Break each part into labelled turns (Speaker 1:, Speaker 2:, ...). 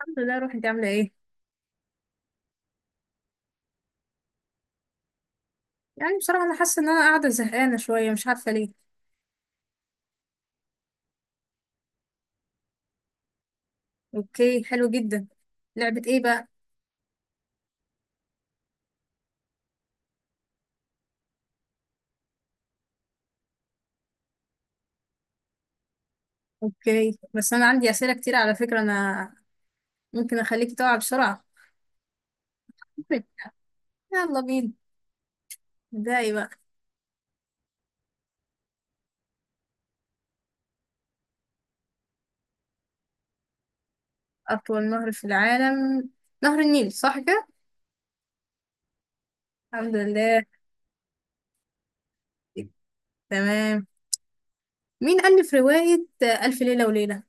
Speaker 1: الحمد لله. روح انت عامله ايه؟ يعني بصراحه انا حاسه ان انا قاعده زهقانه شويه، مش عارفه ليه. اوكي، حلو جدا. لعبه ايه بقى؟ اوكي، بس انا عندي اسئله كتير على فكره، انا ممكن اخليكي تقع بسرعه. أوكي. يلا بينا، ابدأي بقى. اطول نهر في العالم نهر النيل، صح كده؟ الحمد لله. تمام. مين ألف رواية ألف ليلة وليلة؟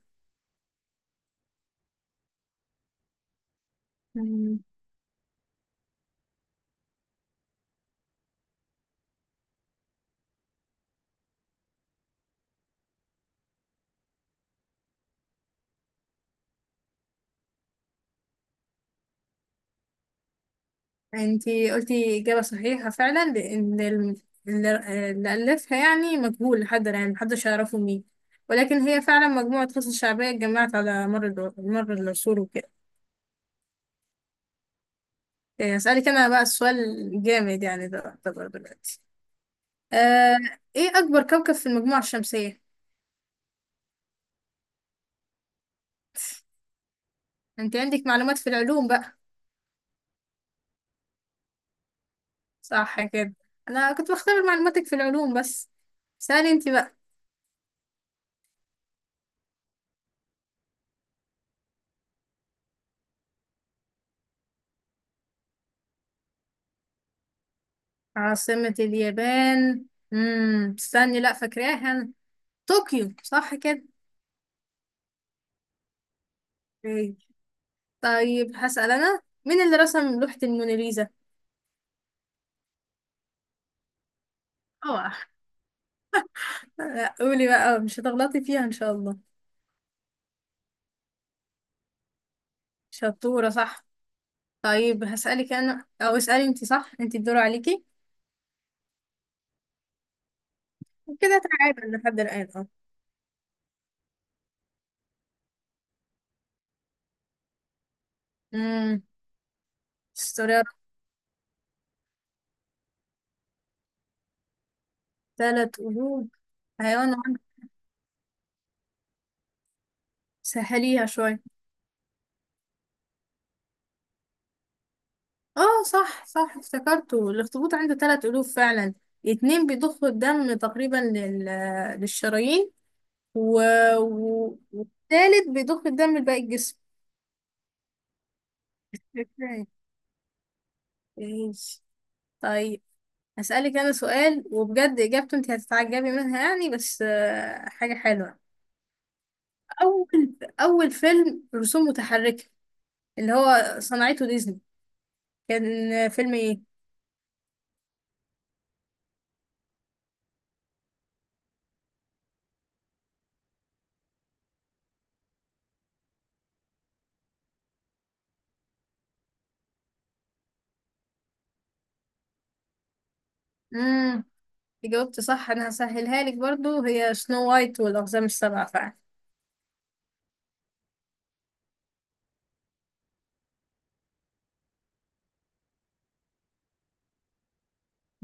Speaker 1: انتي قلتي إجابة صحيحة فعلا، لأن اللي ألفها يعني مجهول لحد الآن، محدش يعرفه مين. ولكن هي فعلا مجموعة قصص شعبية اتجمعت على مر العصور وكده. إيه، أسألك أنا بقى السؤال. جامد يعني، ده يعتبر دلوقتي. آه، إيه أكبر كوكب في المجموعة الشمسية؟ أنت عندك معلومات في العلوم بقى. صح كده؟ أنا كنت بختبر معلوماتك في العلوم بس. سألي أنت بقى. عاصمة اليابان. استني، لا فاكراها. طوكيو، صح كده؟ ايه. طيب هسأل أنا: مين اللي رسم لوحة الموناليزا؟ اوعى. لا، قولي بقى، مش هتغلطي فيها إن شاء الله. شطورة، صح. طيب هسألك أنا أو اسألي أنت، صح، أنت الدور عليكي. كده تعادل لحد الآن، اه. امم استوريات. ثلاث قلوب. حيوان عنده. سهليها شوية. اه، صح صح، افتكرته. الأخطبوط عنده ثلاث قلوب فعلا. اتنين بيضخوا الدم تقريبا للشرايين، و... والتالت بيضخ الدم لباقي الجسم. ازاي؟ ماشي. طيب هسألك أنا سؤال، وبجد إجابته أنت هتتعجبي منها يعني، بس حاجة حلوة. أول فيلم رسوم متحركة اللي هو صنعته ديزني كان فيلم إيه؟ مم. جاوبت صح. أنا هسهلها لك برضو، هي سنو وايت والأقزام السبعة فعلا.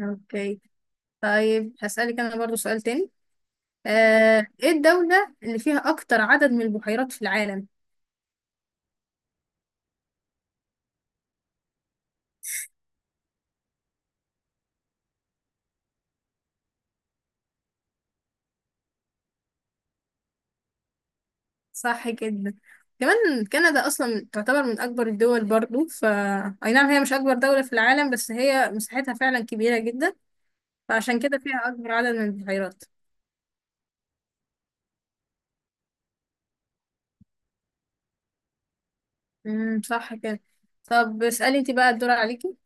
Speaker 1: أوكي. طيب هسألك أنا برضو سؤال تاني. إيه الدولة اللي فيها أكتر عدد من البحيرات في العالم؟ صح جدا. كمان كندا اصلا تعتبر من اكبر الدول برضو. اي نعم، هي مش اكبر دولة في العالم، بس هي مساحتها فعلا كبيرة جدا، فعشان كده فيها اكبر عدد من البحيرات. صح كده. طب اسألي انت بقى، الدور عليكي.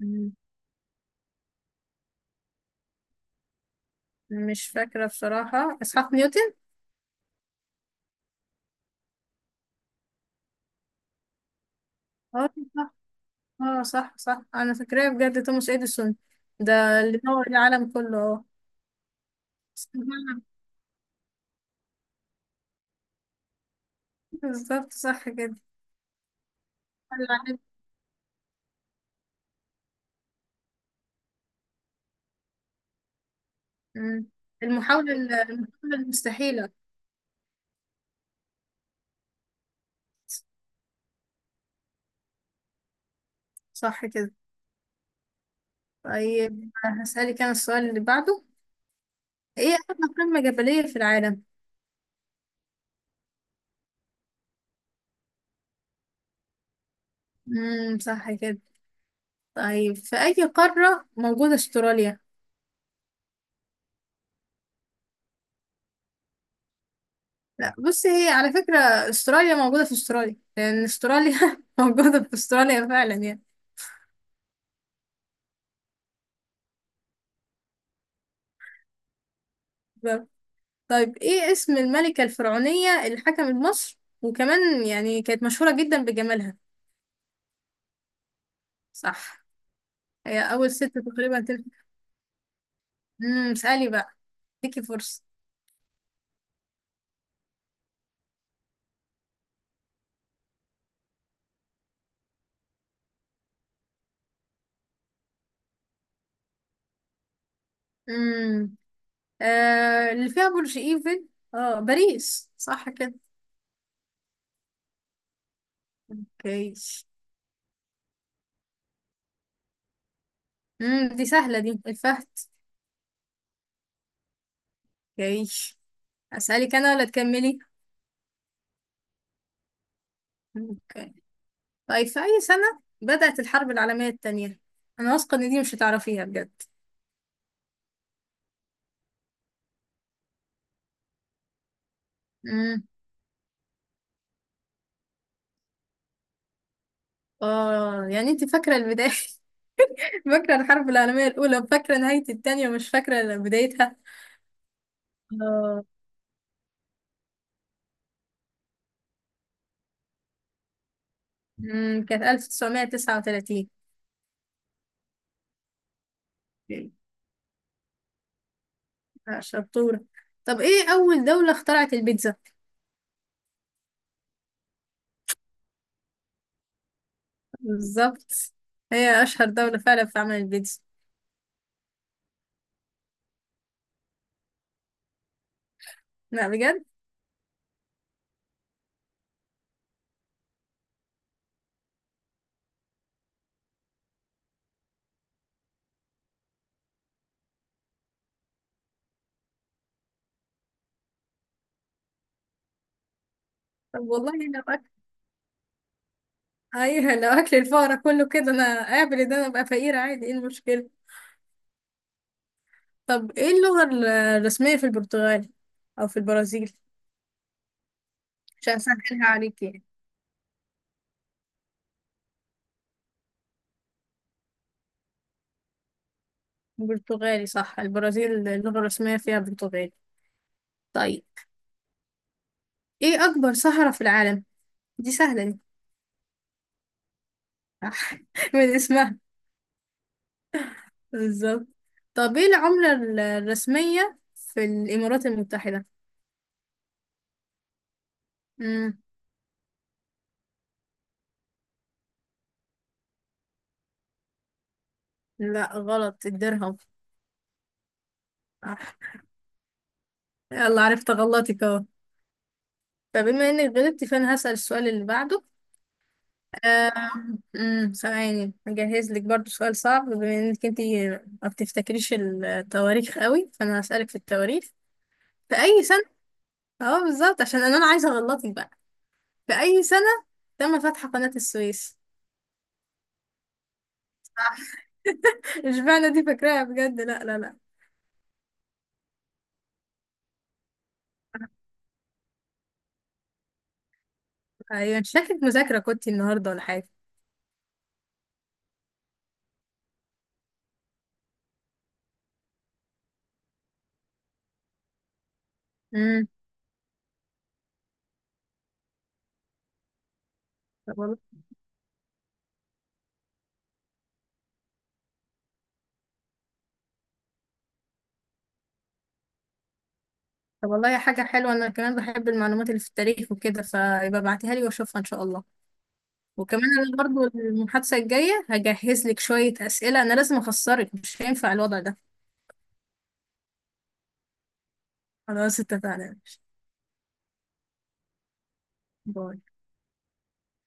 Speaker 1: مم، مش فاكرة بصراحة. اسحاق نيوتن. اه، صح. اه، صح صح، انا فاكراه بجد. توماس اديسون. ده اللي نور العالم كله، اه. بالظبط، صح كده. العالم. مم. المحاولة المستحيلة. صح كده. طيب هسألك أنا السؤال اللي بعده: إيه أعلى قمة جبلية في العالم؟ صح كده. طيب في أي قارة موجودة أستراليا؟ لا، بصي، هي على فكرة أستراليا موجودة في أستراليا، لأن أستراليا موجودة في أستراليا فعلا يعني. بالظبط. طيب إيه اسم الملكة الفرعونية اللي حكمت مصر، وكمان يعني كانت مشهورة جدا بجمالها؟ صح. هي أول ست تقريبا تنحت. اسألي بقى، اديكي فرصة. امم آه، اللي فيها برج ايفل، اه، باريس، صح كده؟ اوكي. دي سهلة دي، الفهد. اوكي، اسألك انا ولا تكملي؟ اوكي. طيب في اي سنة بدأت الحرب العالمية التانية؟ انا واثقة ان دي مش هتعرفيها بجد. امم اه، يعني انت فاكرة البداية. فاكرة الحرب العالمية الاولى، وفاكرة نهاية التانية، ومش فاكرة بدايتها. اه، كانت 1939. اوكي. شطورة. طب ايه اول دولة اخترعت البيتزا؟ بالظبط، هي أشهر دولة فعلا في عمل البيتزا. لا، بجد؟ طب والله لو أكل أيوة، لو أكل الفقراء كله كده أنا أقابل، ده أنا أبقى فقيرة عادي، إيه المشكلة؟ طب إيه اللغة الرسمية في البرتغال، أو في البرازيل عشان أسهلها عليك يعني؟ برتغالي، صح. البرازيل اللغة الرسمية فيها برتغالي. طيب إيه أكبر صحراء في العالم؟ دي سهلة دي. صح، من اسمها. بالظبط. طب إيه العملة الرسمية في الإمارات المتحدة؟ لا، غلط. الدرهم. صح. يلا، عرفت غلطك اهو، فبما انك غلطتي فانا هسأل السؤال اللي بعده. آم، أمم، ثواني، هجهز لك برضو سؤال صعب، بما انك انت ما بتفتكريش التواريخ قوي، فانا هسألك في التواريخ. في اي سنة اه، بالظبط، عشان أنا عايزة اغلطك بقى. في اي سنة تم فتح قناة السويس؟ اشمعنى دي فاكراها بجد؟ لا، لا، لا. ايوه، شكلك مذاكرة كنتي النهاردة ولا حاجة. امم طب والله، حاجة حلوة. أنا كمان بحب المعلومات اللي في التاريخ وكده، فيبقى ابعتيها لي وأشوفها إن شاء الله. وكمان أنا برضو المحادثة الجاية هجهز لك شوية أسئلة. أنا لازم أخسرك، مش هينفع الوضع ده. خلاص اتفقنا. باي.